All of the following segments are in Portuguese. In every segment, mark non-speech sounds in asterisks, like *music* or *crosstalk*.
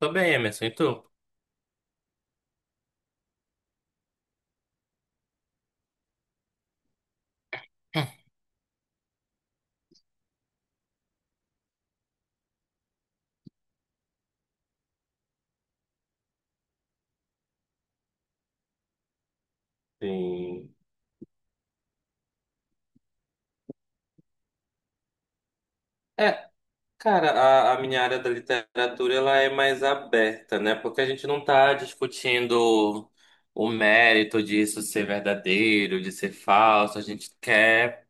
Tô bem, Emerson, e tu? Sim. É, cara, a minha área da literatura ela é mais aberta, né? Porque a gente não tá discutindo o mérito disso ser verdadeiro, de ser falso. A gente quer,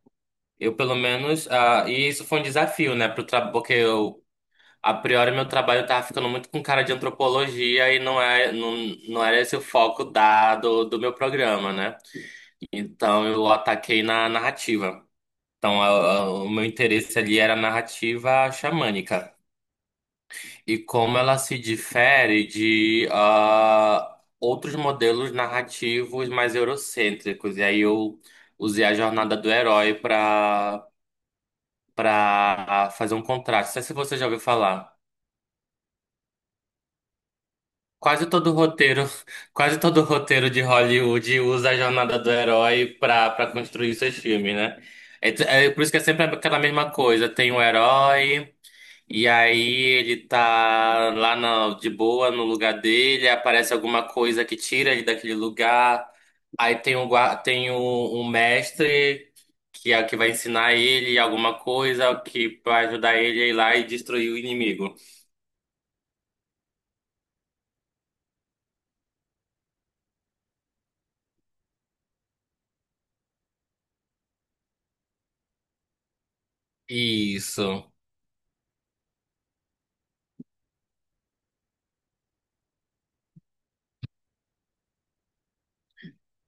eu pelo menos, e isso foi um desafio, né? Pro tra... Porque eu, a priori, meu trabalho tava ficando muito com cara de antropologia e não é, não, não era esse o foco do meu programa, né? Então eu ataquei na narrativa. Então, a- o meu interesse ali era a narrativa xamânica e como ela se difere de outros modelos narrativos mais eurocêntricos. E aí eu usei a jornada do herói para fazer um contraste. Não sei se você já ouviu falar. Quase todo roteiro, *laughs* quase todo roteiro de Hollywood usa a jornada do herói para construir seus filmes, né? É, é por isso que é sempre aquela mesma coisa. Tem o herói. E aí ele tá lá na- de boa no lugar dele, aparece alguma coisa que tira ele daquele lugar. Aí tem um mestre que é o que vai ensinar ele alguma coisa que vai ajudar ele a ir lá e destruir o inimigo. Isso,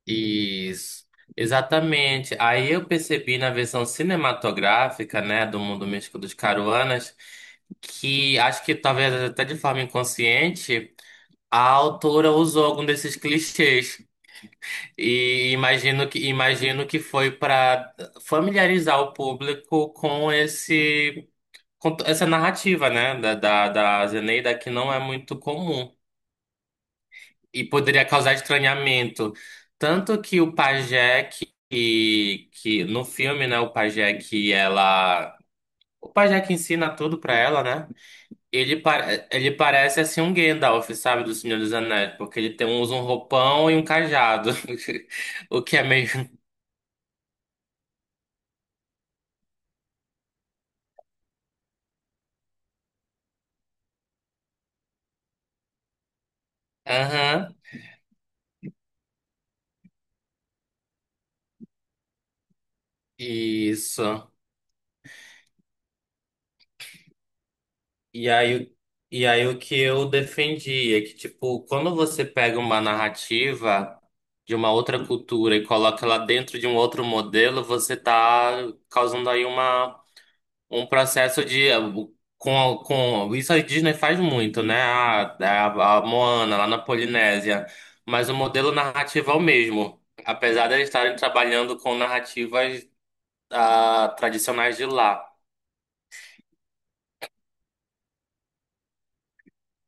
isso. Exatamente. Aí eu percebi na versão cinematográfica, né, do Mundo Místico dos Caruanas, que acho que talvez até de forma inconsciente. A autora usou algum desses clichês e imagino que foi para familiarizar o público com esse com essa narrativa, né, da Zeneida que não é muito comum e poderia causar estranhamento, tanto que o pajé que no filme, né, o pajé que ensina tudo para ela, né? Ele parece assim um Gandalf, sabe, do Senhor dos Anéis, porque ele tem, usa um roupão e um cajado, *laughs* o que é meio. Aham, isso. E aí, o- e aí o que eu defendi é que, tipo, quando você pega uma narrativa de uma outra cultura e coloca ela dentro de um outro modelo, você tá causando aí uma um processo de com isso a Disney faz muito, né? A Moana lá na Polinésia, mas o modelo narrativo é o mesmo, apesar de eles estarem trabalhando com narrativas tradicionais de lá.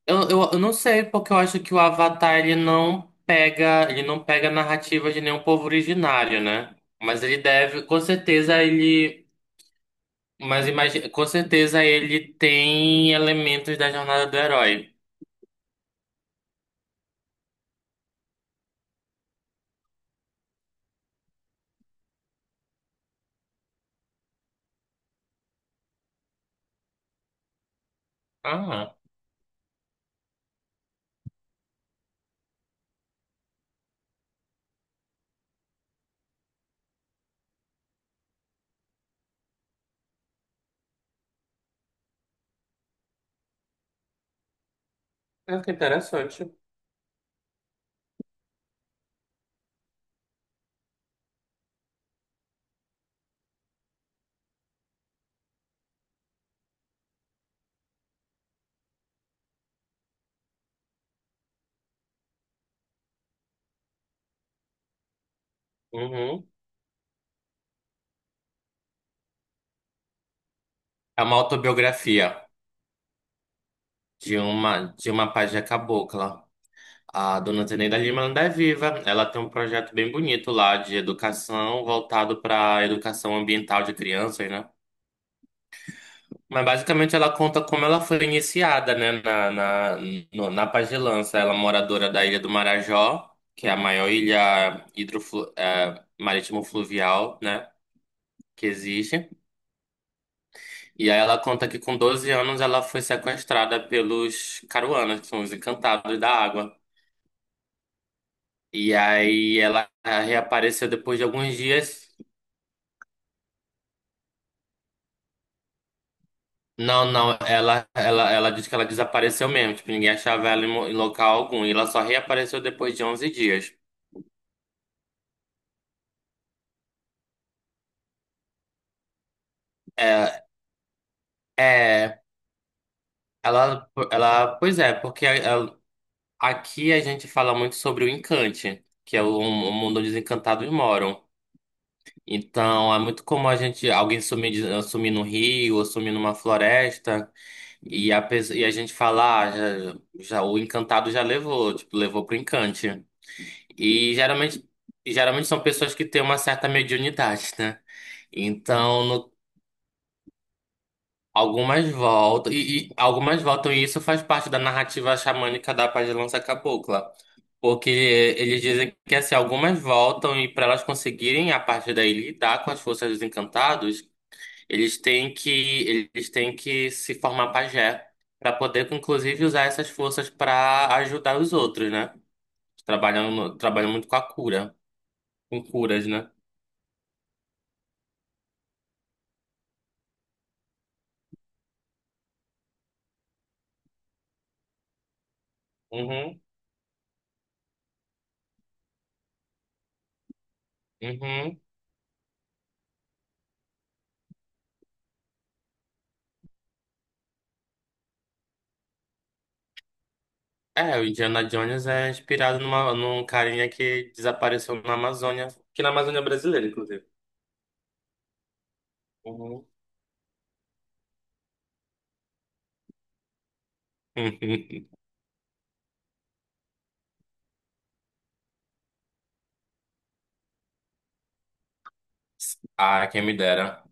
Eu não sei porque eu acho que o Avatar ele não pega narrativa de nenhum povo originário, né? Mas ele deve, com certeza ele, mas imagina, com certeza ele tem elementos da jornada do herói. Ah. Ah, que interessante. Uhum. É uma autobiografia de uma pajé cabocla. A dona Zeneida Lima ainda é viva. Ela tem um projeto bem bonito lá de educação voltado para educação ambiental de crianças, né? Mas basicamente ela conta como ela foi iniciada, né, na, na, no- na pajelança. Ela é moradora da Ilha do Marajó, que é a maior ilha hidroflu, marítimo-fluvial, né, que existe. E aí ela conta que com 12 anos ela foi sequestrada pelos Caruanas, que são os encantados da água. E aí ela reapareceu depois de alguns dias. Não, ela disse que ela desapareceu mesmo, tipo, ninguém achava ela em mo- em local algum. E ela só reapareceu depois de onze dias. É, é, pois é, porque ela- aqui a gente fala muito sobre o encante, que é o mundo onde os encantados moram. Então, é muito comum a gente, alguém sumir, de- sumir no rio, ou sumir numa floresta, e a gente falar, ah, já, já- o encantado já levou, tipo, levou pro encante. E geralmente, e geralmente são pessoas que têm uma certa mediunidade, né? Então, no- algumas voltam, e algumas voltam, e isso faz parte da narrativa xamânica da Paz de Lança Cabocla. Porque eles dizem que assim, algumas voltam e para elas conseguirem, a partir daí, lidar com as forças dos encantados. Eles têm que, eles têm que se formar pajé para poder, inclusive, usar essas forças para ajudar os outros, né? Trabalham, no- trabalham muito com a cura, com curas, né? Uhum, uhum. É, o Indiana Jones é inspirado numa, num carinha que desapareceu na Amazônia, que na Amazônia brasileira, inclusive. Uhum. *laughs* Ah, quem me dera.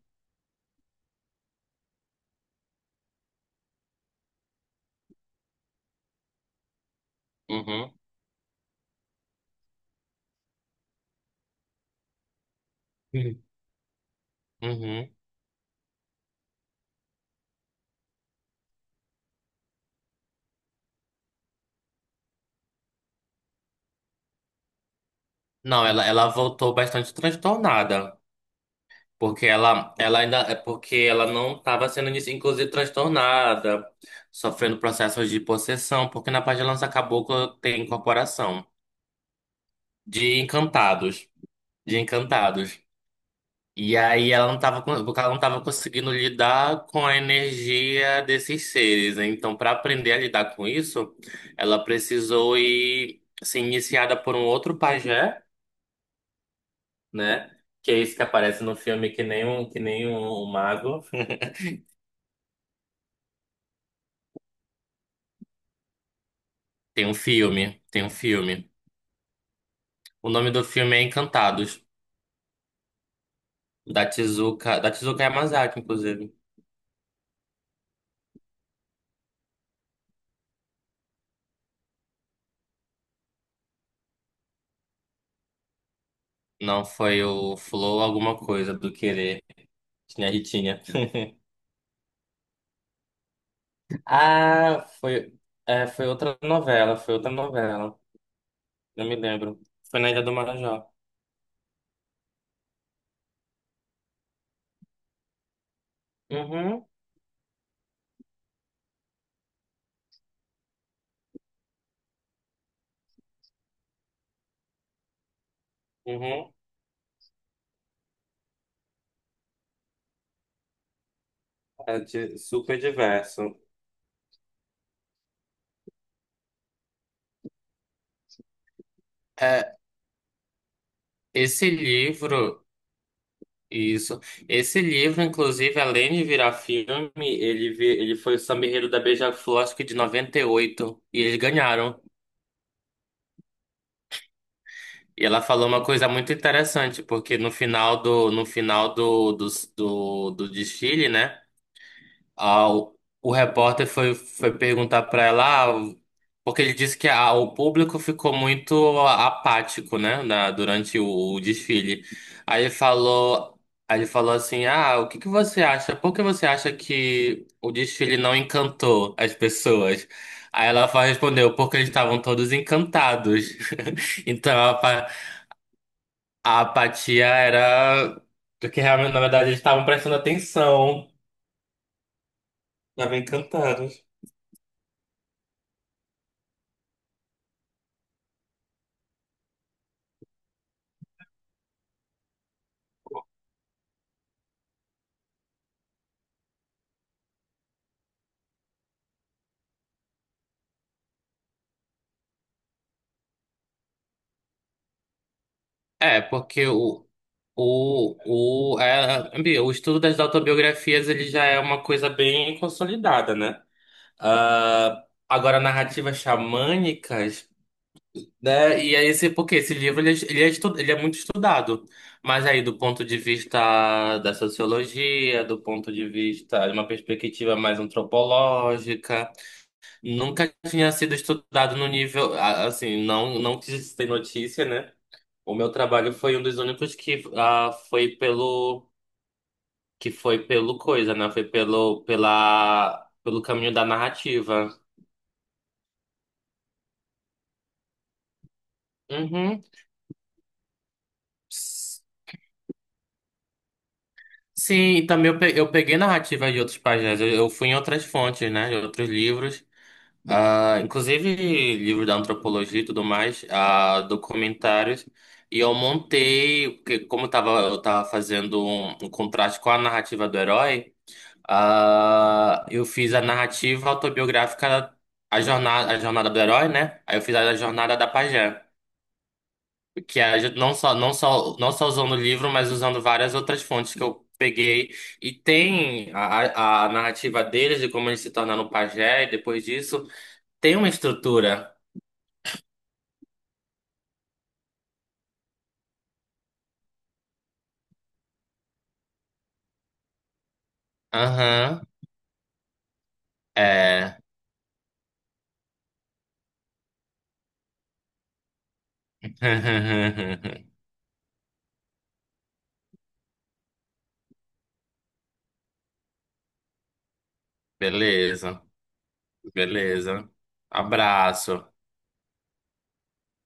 Uhum. Uhum. Não, ela voltou bastante transtornada. Porque ela ainda é porque ela não estava sendo, inici- inclusive, transtornada, sofrendo processos de possessão, porque na parte de Lança Caboclo tem incorporação de encantados, de encantados. E aí ela não estava, porque ela não estava conseguindo lidar com a energia desses seres. Né? Então, para aprender a lidar com isso, ela precisou ir ser iniciada por um outro pajé, né? Que é esse que aparece no filme que nem um mago. Tem um filme. O nome do filme é Encantados, da Tezuka Yamazaki, inclusive. Não foi o Flow alguma coisa do Querer, tinha Ritinha. *laughs* Ah, foi, é, foi outra novela. Não me lembro. Foi na Ilha do Marajó. Uhum, uhum. É de- super diverso. É, esse livro. Isso. Esse livro, inclusive, além de virar filme, ele, vi- ele foi o Samba-Enredo da Beija-Flor, acho que de 98, e oito, e eles ganharam. E ela falou uma coisa muito interessante, porque no final do, no final do, do, do, do desfile, né? Ah, o repórter foi, foi perguntar para ela, ah, porque ele disse que ah, o público ficou muito apático, né, na- durante o desfile. Aí ele falou, aí ele falou assim, ah, o que que você acha? Por que você acha que o desfile não encantou as pessoas? Aí ela fa- respondeu, porque eles estavam todos encantados. *laughs* Então a apatia era porque realmente, na verdade, eles estavam prestando atenção, estavam encantados. É, porque o estudo das autobiografias ele já é uma coisa bem consolidada, né? Ah, agora, narrativas xamânicas, né? E aí, esse, porque esse livro ele é muito estudado, mas aí, do ponto de vista da sociologia, do ponto de vista de uma perspectiva mais antropológica, nunca tinha sido estudado no nível, ah, assim, não, não que se tem notícia, né? O meu trabalho foi um dos únicos que foi pelo coisa, né? Foi pelo caminho da narrativa. Uhum. S- Sim, e também eu pe- eu peguei narrativa de outros pajés. Eu fui em outras fontes, né? De outros livros. Ah inclusive livros da antropologia e tudo mais, ah documentários. E eu montei, porque como eu tava fazendo um contraste com a narrativa do herói. Ah, eu fiz a narrativa autobiográfica, a jornada do herói, né? Aí eu fiz a jornada da pajé, que é ju- não só usando o livro, mas usando várias outras fontes que eu peguei. E tem a narrativa deles de como eles se tornaram pajé, e depois disso tem uma estrutura. Aham, é. *laughs* Beleza, beleza. Abraço.